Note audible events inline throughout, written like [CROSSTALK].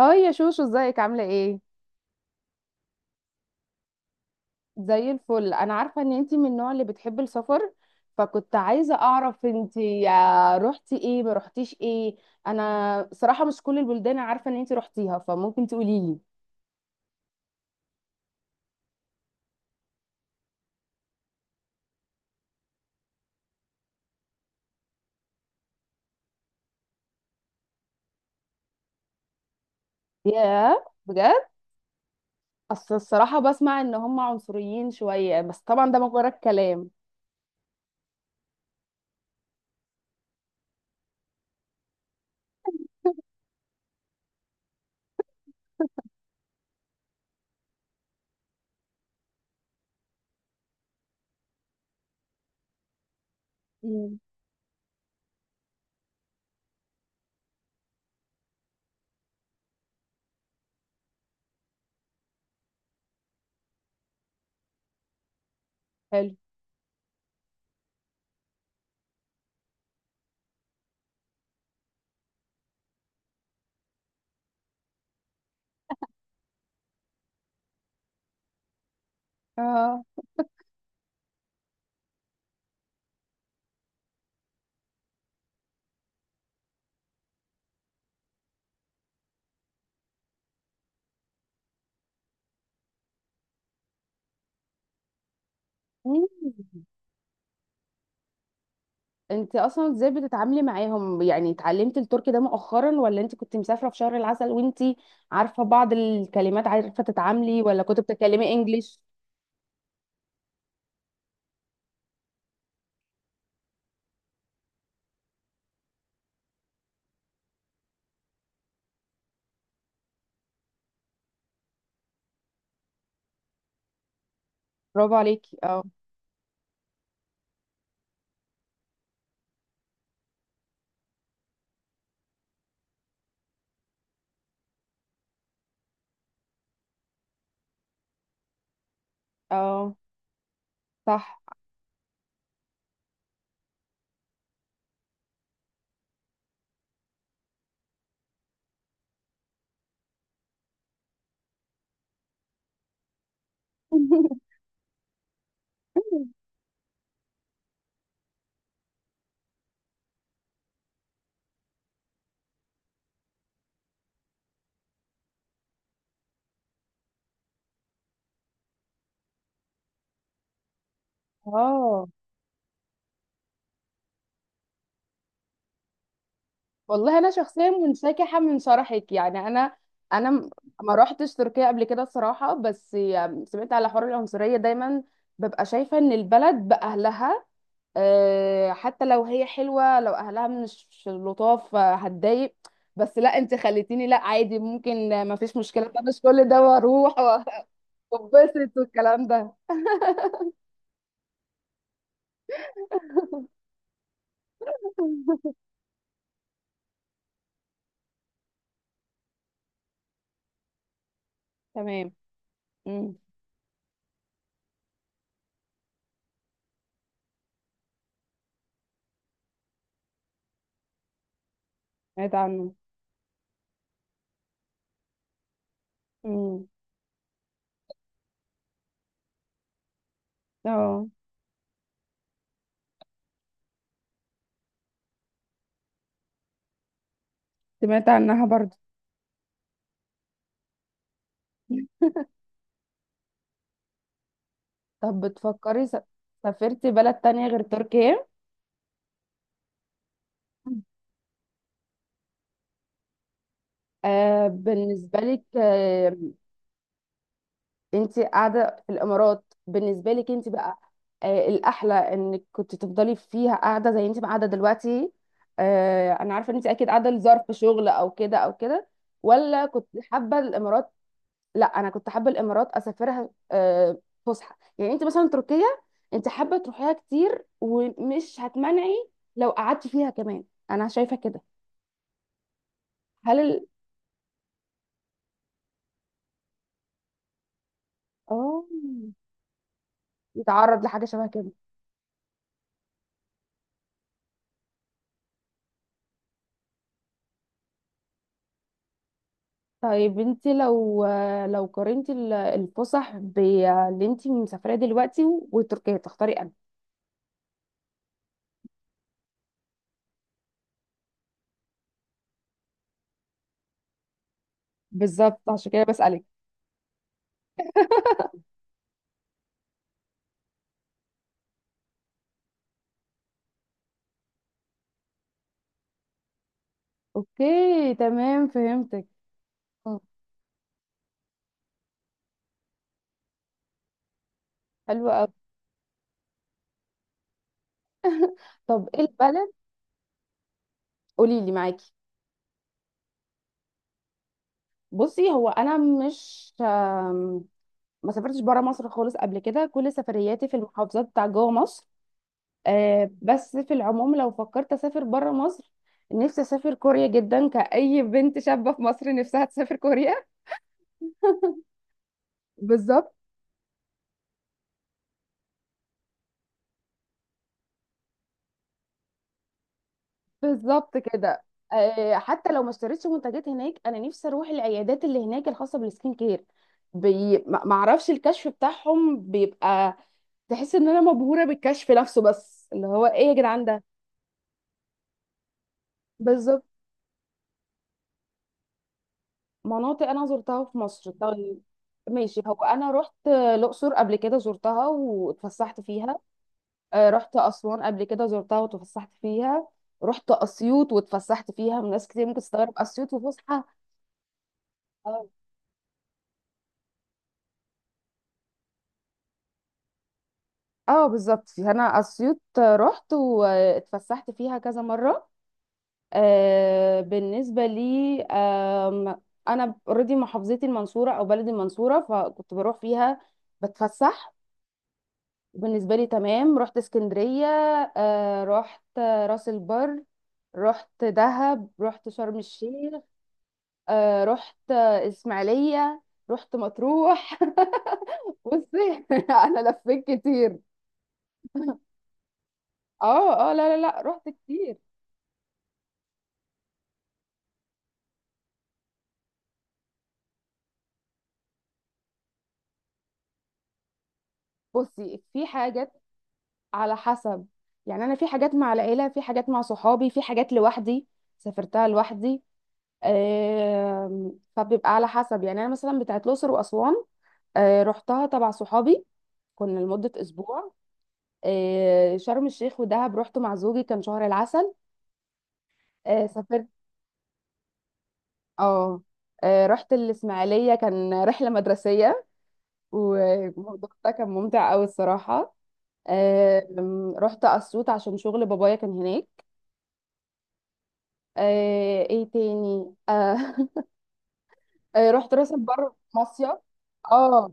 هاي يا شوشو، ازيك عاملة ايه؟ زي الفل. انا عارفة ان انتي من النوع اللي بتحب السفر، فكنت عايزة اعرف انتي روحتي ايه ما روحتيش ايه. انا صراحة مش كل البلدان عارفة ان انتي روحتيها، فممكن تقوليلي. ياه، بجد؟ اصل الصراحة بسمع ان هم عنصريين شوية، بس طبعا ده مجرد كلام. مم. حلو. اه. مم. انت اصلا ازاي بتتعاملي معاهم؟ يعني اتعلمتي التركي ده مؤخرا، ولا انت كنت مسافره في شهر العسل وانت عارفه بعض الكلمات عارفه تتعاملي، ولا كنت بتتكلمي انجليش؟ برافو عليكي. اه. اه، صح. [LAUGHS] اه، والله انا شخصيا منسكحه من شرحك، يعني انا م- ما روحتش تركيا قبل كده الصراحه، بس يعني سمعت على حوار العنصريه دايما ببقى شايفه ان البلد باهلها. حتى لو هي حلوة، لو أهلها مش لطاف هتضايق. بس لا، انت خليتيني، لا عادي ممكن مفيش مشكلة، مش كل ده واروح [LAUGHS] واتبسط والكلام ده. [LAUGHS] تمام. امم. سمعت عنه. امم. اه. سمعت عنها برضو. طب، بتفكري سافرتي بلد تانية غير تركيا؟ بالنسبة لك. انت قاعده في الامارات بالنسبه لك انت بقى. الاحلى انك كنت تفضلي فيها قاعده زي انت ما قاعده دلوقتي. انا عارفه ان انت اكيد قاعده لظرف شغل او كده او كده. ولا كنت حابه الامارات؟ لا، انا كنت حابه الامارات اسافرها. فسحه، يعني انت مثلا تركيا انت حابه تروحيها كتير، ومش هتمنعي لو قعدتي فيها كمان. انا شايفه كده. هل ال... اه يتعرض لحاجه شبه كده. طيب، انت لو قارنتي الفسح باللي انت مسافراه دلوقتي وتركيا، تختاري انهي؟ بالظبط، عشان كده بسألك. [LAUGHS] اوكي، تمام، فهمتك. مم. حلو قوي. طب ايه البلد؟ قولي لي معاكي. بصي، هو انا مش ما سافرتش بره مصر خالص قبل كده، كل سفرياتي في المحافظات بتاع جوه مصر. بس في العموم لو فكرت اسافر بره مصر، نفسي اسافر كوريا جدا، كأي بنت شابة في مصر نفسها تسافر كوريا. بالظبط. بالظبط كده. حتى لو ما اشتريتش منتجات هناك، انا نفسي اروح العيادات اللي هناك الخاصه بالسكين كير. ما اعرفش الكشف بتاعهم بيبقى تحس ان انا مبهوره بالكشف نفسه، بس اللي هو ايه يا جدعان ده. بالظبط. مناطق انا زرتها في مصر، طيب، ماشي. هو انا رحت الاقصر قبل كده، زرتها واتفسحت فيها. رحت اسوان قبل كده، زرتها واتفسحت فيها. رحت اسيوط واتفسحت فيها، من ناس كتير ممكن تستغرب اسيوط وفسحه. اه، بالظبط، انا اسيوط رحت واتفسحت فيها كذا مره. بالنسبه لي انا اوريدي محافظتي المنصوره، او بلدي المنصوره، فكنت بروح فيها بتفسح. بالنسبه لي تمام. رحت اسكندريه. رحت راس البر، رحت دهب، رحت شرم الشيخ. رحت اسماعيليه، رحت مطروح. [LAUGHS] بصي، [LAUGHS] انا لفيت كتير. اه اه، لا لا لا، رحت كتير. بصي، في حاجات على حسب. يعني انا، في حاجات مع العيله، في حاجات مع صحابي، في حاجات لوحدي سافرتها لوحدي. فبيبقى على حسب. يعني انا مثلا بتاعت الاقصر واسوان رحتها تبع صحابي، كنا لمده اسبوع. شرم الشيخ ودهب رحت مع زوجي، كان شهر العسل. سافرت اه رحت الاسماعيليه كان رحله مدرسيه، والموضوع ده كان ممتع قوي الصراحه. رحت اسيوط عشان شغل بابايا كان هناك. ايه تاني؟ [LAUGHS] رحت راس البر مصيف. اه،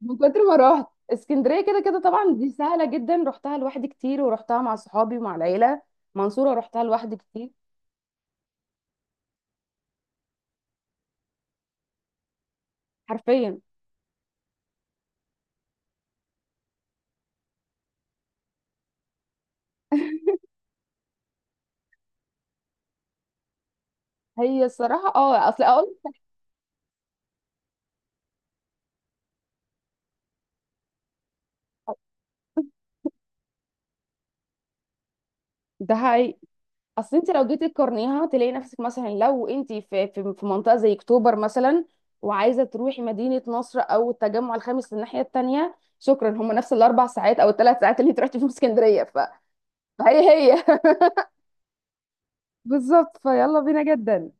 من كتر ما رحت اسكندريه كده كده طبعا، دي سهله جدا، رحتها لوحدي كتير ورحتها مع صحابي ومع العيله. منصوره رحتها لوحدي كتير. حرفيا. [LAUGHS] هي الصراحه، اصل اقول ده. هي، اصل انت لو جيتي تقارنيها تلاقي نفسك، مثلا لو انت في منطقه زي اكتوبر مثلا، وعايزه تروحي مدينه نصر او التجمع الخامس للناحيه التانيه، شكرا، هم نفس 4 ساعات او 3 ساعات اللي انت رحتي فيهم اسكندريه. هي هي. [LAUGHS] بالظبط، فيلا بينا جدا.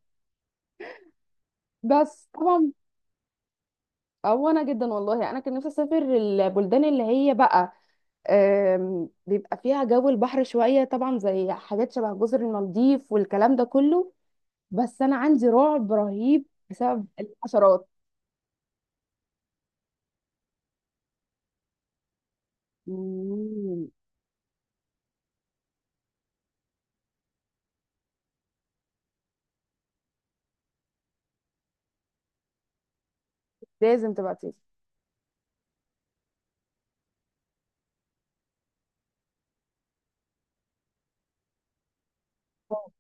بس طبعا. او انا جدا، والله انا كان نفسي اسافر البلدان اللي هي بقى بيبقى فيها جو البحر شويه، طبعا زي حاجات شبه جزر المالديف والكلام ده كله، بس انا عندي رعب رهيب بسبب الحشرات. مم. لازم تبقى تيجي. اه.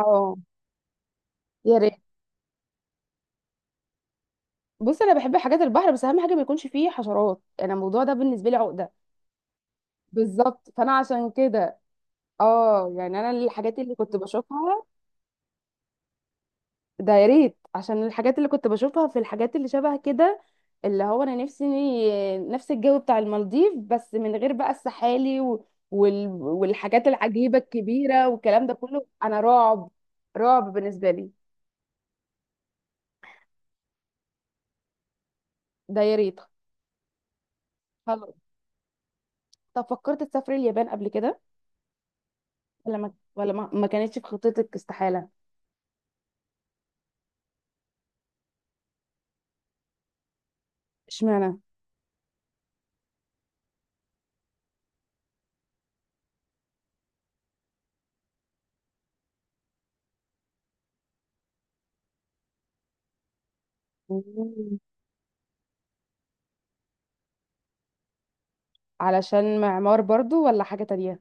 آه، يا ريت. بص، انا بحب حاجات البحر، بس اهم حاجه ما يكونش فيه حشرات، انا الموضوع ده بالنسبه لي عقده. بالظبط، فانا عشان كده اه، يعني انا الحاجات اللي كنت بشوفها، ده يا ريت، عشان الحاجات اللي كنت بشوفها في الحاجات اللي شبه كده، اللي هو انا نفسي نفس الجو بتاع المالديف، بس من غير بقى السحالي والحاجات العجيبة الكبيرة والكلام ده كله، انا رعب. رعب بالنسبة لي. ده يا ريت. خلاص. طب، فكرت تسافري اليابان قبل كده، ولا ما كانتش في خطتك؟ استحالة. اشمعنى. مم. علشان معمار برضو ولا حاجة تانية؟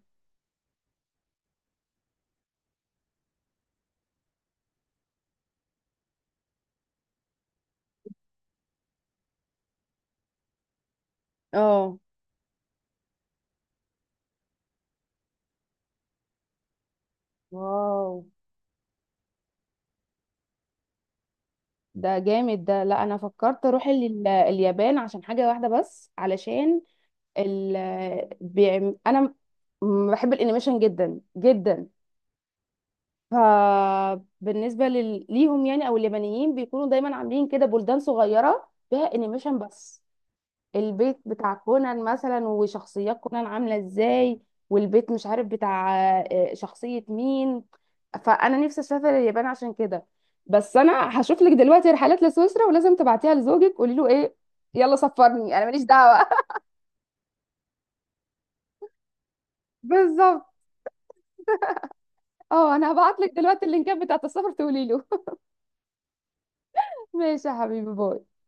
اه. واو. ده جامد. ده، لا انا فكرت اروح اليابان عشان حاجه واحده بس، علشان ال انا بحب الانيميشن جدا جدا. فبالنسبه ليهم، يعني، او اليابانيين بيكونوا دايما عاملين كده بلدان صغيره فيها انيميشن بس، البيت بتاع كونان مثلا وشخصيات كونان عاملة ازاي، والبيت مش عارف بتاع شخصية مين. فأنا نفسي أسافر اليابان عشان كده. بس أنا هشوف لك دلوقتي رحلات لسويسرا، ولازم تبعتيها لزوجك، قولي له إيه، يلا سفرني أنا ماليش دعوة. [LAUGHS] بالظبط. اه، أنا هبعت لك دلوقتي اللينكات بتاعت السفر تقولي له. [LAUGHS] ماشي يا حبيبي، باي.